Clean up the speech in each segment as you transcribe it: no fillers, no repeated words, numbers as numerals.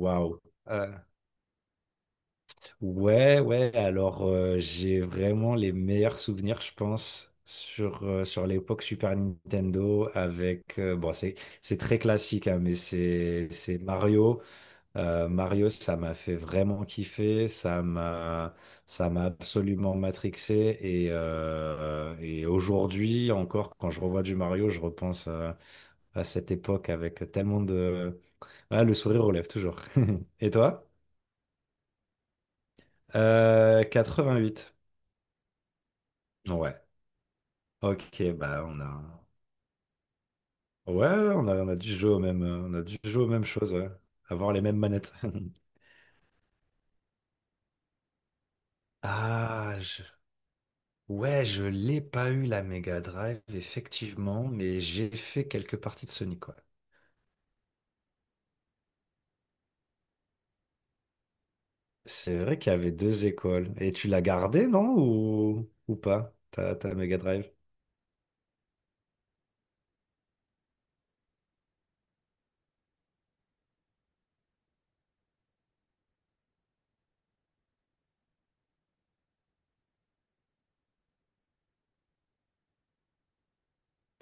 Waouh. Euh, ouais, ouais, alors j'ai vraiment les meilleurs souvenirs, je pense, sur l'époque Super Nintendo avec... bon, c'est très classique, hein, mais c'est Mario. Mario, ça m'a fait vraiment kiffer, ça m'a absolument matrixé. Et aujourd'hui encore, quand je revois du Mario, je repense à cette époque avec tellement de... Ah, le sourire relève toujours. Et toi? 88. Ouais. Ok, bah on a. Ouais, ouais, on a dû jouer aux mêmes, on a dû jouer aux mêmes choses, ouais. Avoir les mêmes manettes. Ah, je- ouais, je l'ai pas eu la Mega Drive, effectivement, mais j'ai fait quelques parties de Sonic, ouais. C'est vrai qu'il y avait deux écoles. Et tu l'as gardée, non? Ou pas, ta Mega Drive?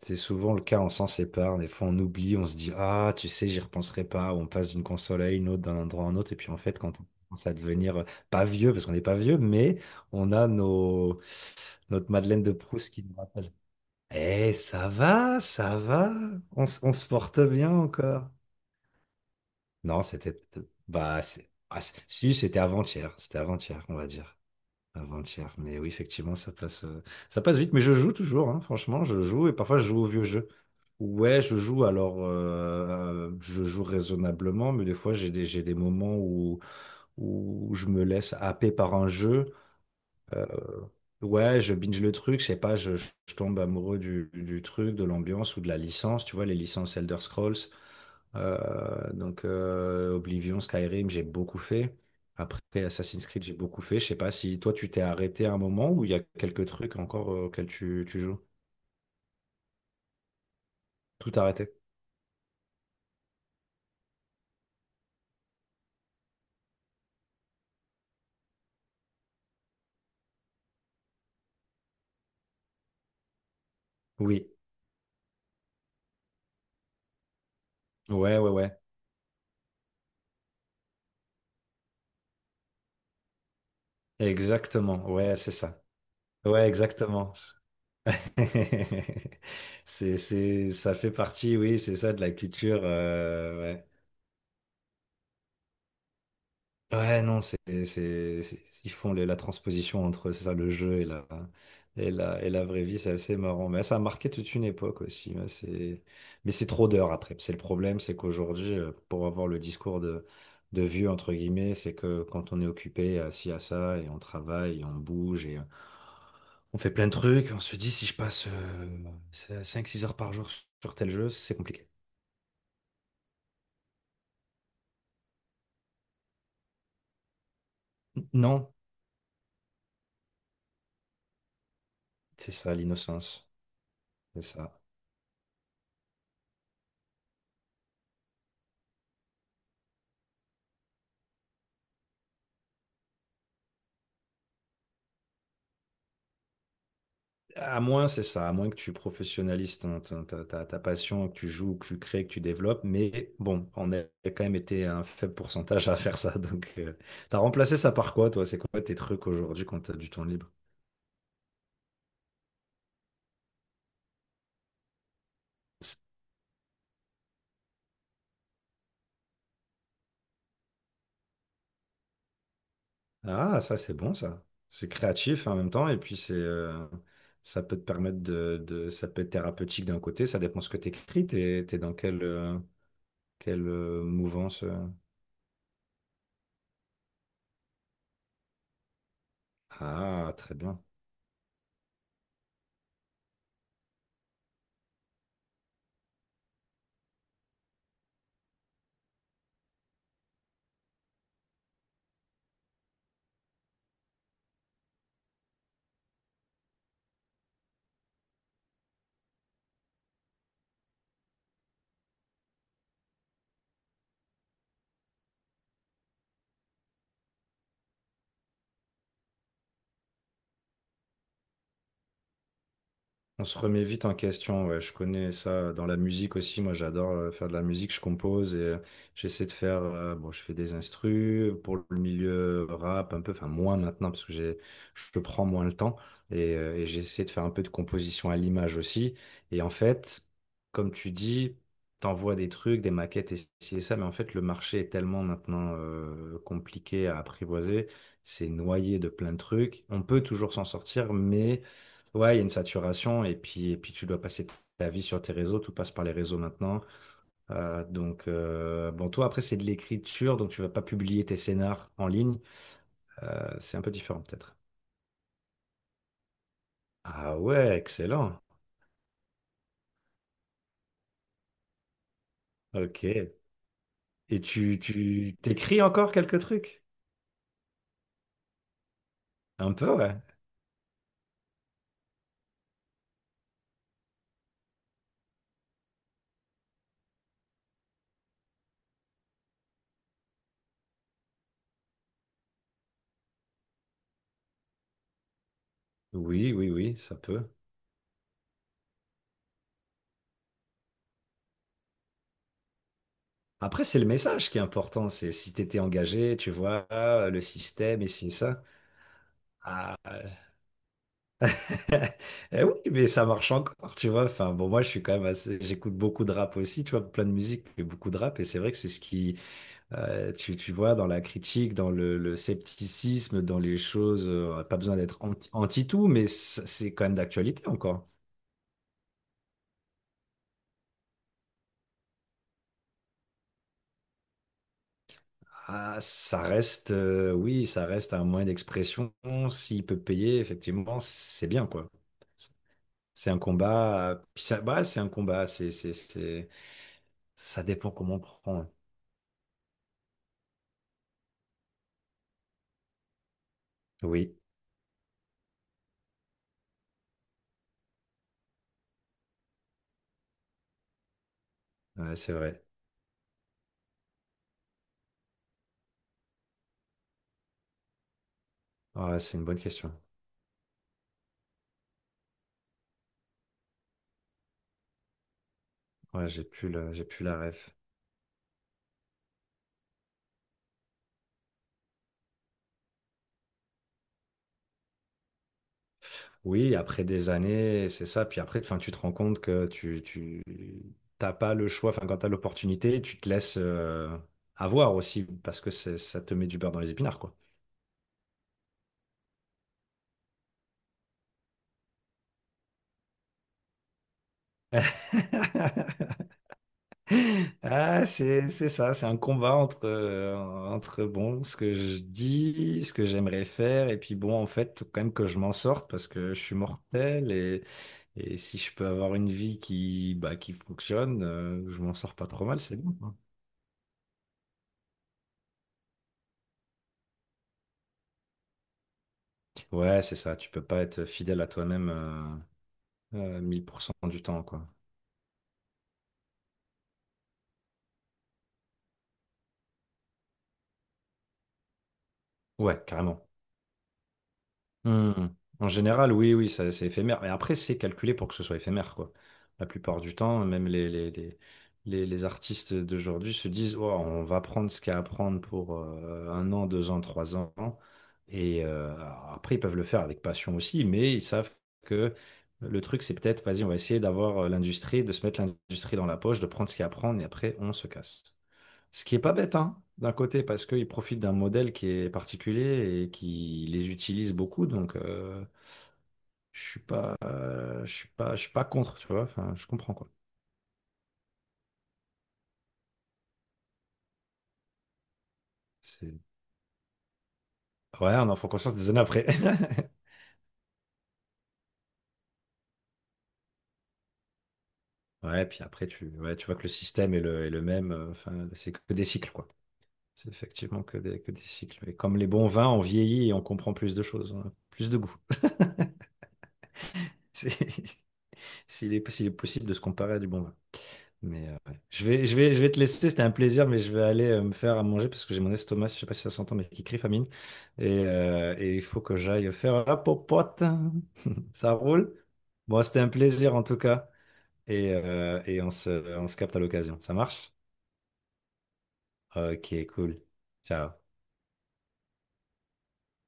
C'est souvent le cas, on s'en sépare, des fois on oublie, on se dit ah, tu sais, j'y repenserai pas, ou on passe d'une console à une autre, d'un endroit à un autre, et puis en fait, quand on commence à devenir pas vieux, parce qu'on n'est pas vieux, mais on a nos... notre Madeleine de Proust qui nous rappelle. Eh, ça va, on se porte bien encore. Non, c'était. Bah, si, c'était avant-hier, on va dire. Avant-hier, mais oui, effectivement, ça passe vite. Mais je joue toujours, hein, franchement, je joue et parfois je joue aux vieux jeux. Ouais, je joue alors, je joue raisonnablement, mais des fois j'ai des moments où je me laisse happer par un jeu euh, ouais, je binge le truc, je sais pas, je tombe amoureux du truc, de l'ambiance ou de la licence, tu vois, les licences Elder Scrolls. Oblivion, Skyrim, j'ai beaucoup fait. Après Assassin's Creed, j'ai beaucoup fait. Je sais pas si toi tu t'es arrêté à un moment ou il y a quelques trucs encore auxquels tu joues. Tout arrêté. Oui. Ouais, ouais, ouais. Exactement. Ouais, c'est ça. Ouais, exactement. Ça fait partie, oui, c'est ça, de la culture. Ouais. Ouais, non, c'est- ils font les- la transposition entre c'est ça, le jeu et la vraie vie, c'est assez marrant. Mais ça a marqué toute une époque aussi. Ouais, c'est... Mais c'est trop d'heures après. C'est le problème, c'est qu'aujourd'hui, pour avoir le discours de vieux, entre guillemets, c'est que quand on est occupé, assis à ça, et on travaille, et on bouge, et on fait plein de trucs, on se dit, si je passe 5 6 heures par jour sur tel jeu, c'est compliqué. Non, c'est ça, l'innocence. C'est ça. À moins, c'est ça, à moins que tu professionnalises ta passion, que tu joues, que tu crées, que tu développes. Mais bon, on a quand même été un faible pourcentage à faire ça. T'as remplacé ça par quoi, toi? C'est quoi tes trucs aujourd'hui quand t'as du temps libre? Ah, ça, c'est bon, ça. C'est créatif hein, en même temps, et puis ça peut te permettre ça peut être thérapeutique d'un côté, ça dépend ce que t'écris, t'es dans quelle mouvance. Ah, très bien. On se remet vite en question, ouais. Je connais ça dans la musique aussi. Moi, j'adore faire de la musique. Je compose et j'essaie de faire. Bon, je fais des instrus pour le milieu rap un peu. Enfin, moins maintenant parce que je prends moins le temps et j'essaie de faire un peu de composition à l'image aussi. Et en fait, comme tu dis, t'envoies des trucs, des maquettes et ci et ça, mais en fait, le marché est tellement maintenant compliqué à apprivoiser. C'est noyé de plein de trucs. On peut toujours s'en sortir, mais ouais, il y a une saturation et puis tu dois passer ta vie sur tes réseaux, tout passe par les réseaux maintenant. Bon, toi, après, c'est de l'écriture, donc tu vas pas publier tes scénars en ligne. C'est un peu différent, peut-être. Ah ouais, excellent. Ok. Et tu t'écris encore quelques trucs? Un peu, ouais. Oui, oui, oui, ça peut. Après, c'est le message qui est important. C'est si tu étais engagé, tu vois, ah, le système et si ça. Ah, eh oui, mais ça marche encore, tu vois. Enfin, bon, moi, je suis quand même assez. J'écoute beaucoup de rap aussi, tu vois, plein de musique, mais beaucoup de rap. Et c'est vrai que c'est ce qui, tu vois, dans la critique, le scepticisme, dans les choses, pas besoin d'être anti, anti-tout, mais c'est quand même d'actualité encore. Ah, ça reste, oui, ça reste un moyen d'expression. S'il peut payer, effectivement, c'est bien, quoi. C'est un combat. Puis ça, bah, c'est un combat. Ça dépend comment on prend, hein. Oui, ouais, c'est vrai. Ouais, c'est une bonne question. Ouais, j'ai plus la ref. Oui, après des années, c'est ça. Puis après, enfin, tu te rends compte que t'as pas le choix. Enfin, quand t'as l'opportunité, tu te laisses avoir aussi parce que ça te met du beurre dans les épinards, quoi. Ah, c'est ça, c'est un combat entre, entre bon, ce que je dis, ce que j'aimerais faire, et puis bon, en fait, faut quand même que je m'en sorte parce que je suis mortel et si je peux avoir une vie qui, bah, qui fonctionne, je m'en sors pas trop mal, c'est bon, quoi. Ouais, c'est ça, tu peux pas être fidèle à toi-même 1000% du temps, quoi. Ouais, carrément. Hmm. En général, oui, oui, c'est éphémère. Et après, c'est calculé pour que ce soit éphémère, quoi. La plupart du temps, même les artistes d'aujourd'hui se disent, oh, on va prendre ce qu'il y a à prendre pour 1 an, 2 ans, 3 ans. Et après, ils peuvent le faire avec passion aussi, mais ils savent que le truc, c'est peut-être, vas-y, on va essayer d'avoir l'industrie, de se mettre l'industrie dans la poche, de prendre ce qu'il y a à prendre, et après, on se casse. Ce qui est pas bête, hein, d'un côté, parce qu'ils profitent d'un modèle qui est particulier et qui les utilise beaucoup, je suis pas contre, tu vois. Enfin, je comprends quoi. C'est... Ouais, on en prend conscience des années après. Ouais, puis après ouais, tu vois que le système est est le même. Enfin, c'est que des cycles quoi. C'est effectivement que que des cycles. Et comme les bons vins, on vieillit et on comprend plus de choses, on a plus de goût. C'est- s'il est possible de se comparer à du bon vin. Mais ouais. Je vais te laisser, c'était un plaisir, mais je vais aller me faire à manger parce que j'ai mon estomac, je sais pas si ça s'entend, mais qui crie famine. Et il faut que j'aille faire la popote. Ça roule? Bon, c'était un plaisir en tout cas. Et on on se capte à l'occasion. Ça marche? Ok, cool. Ciao.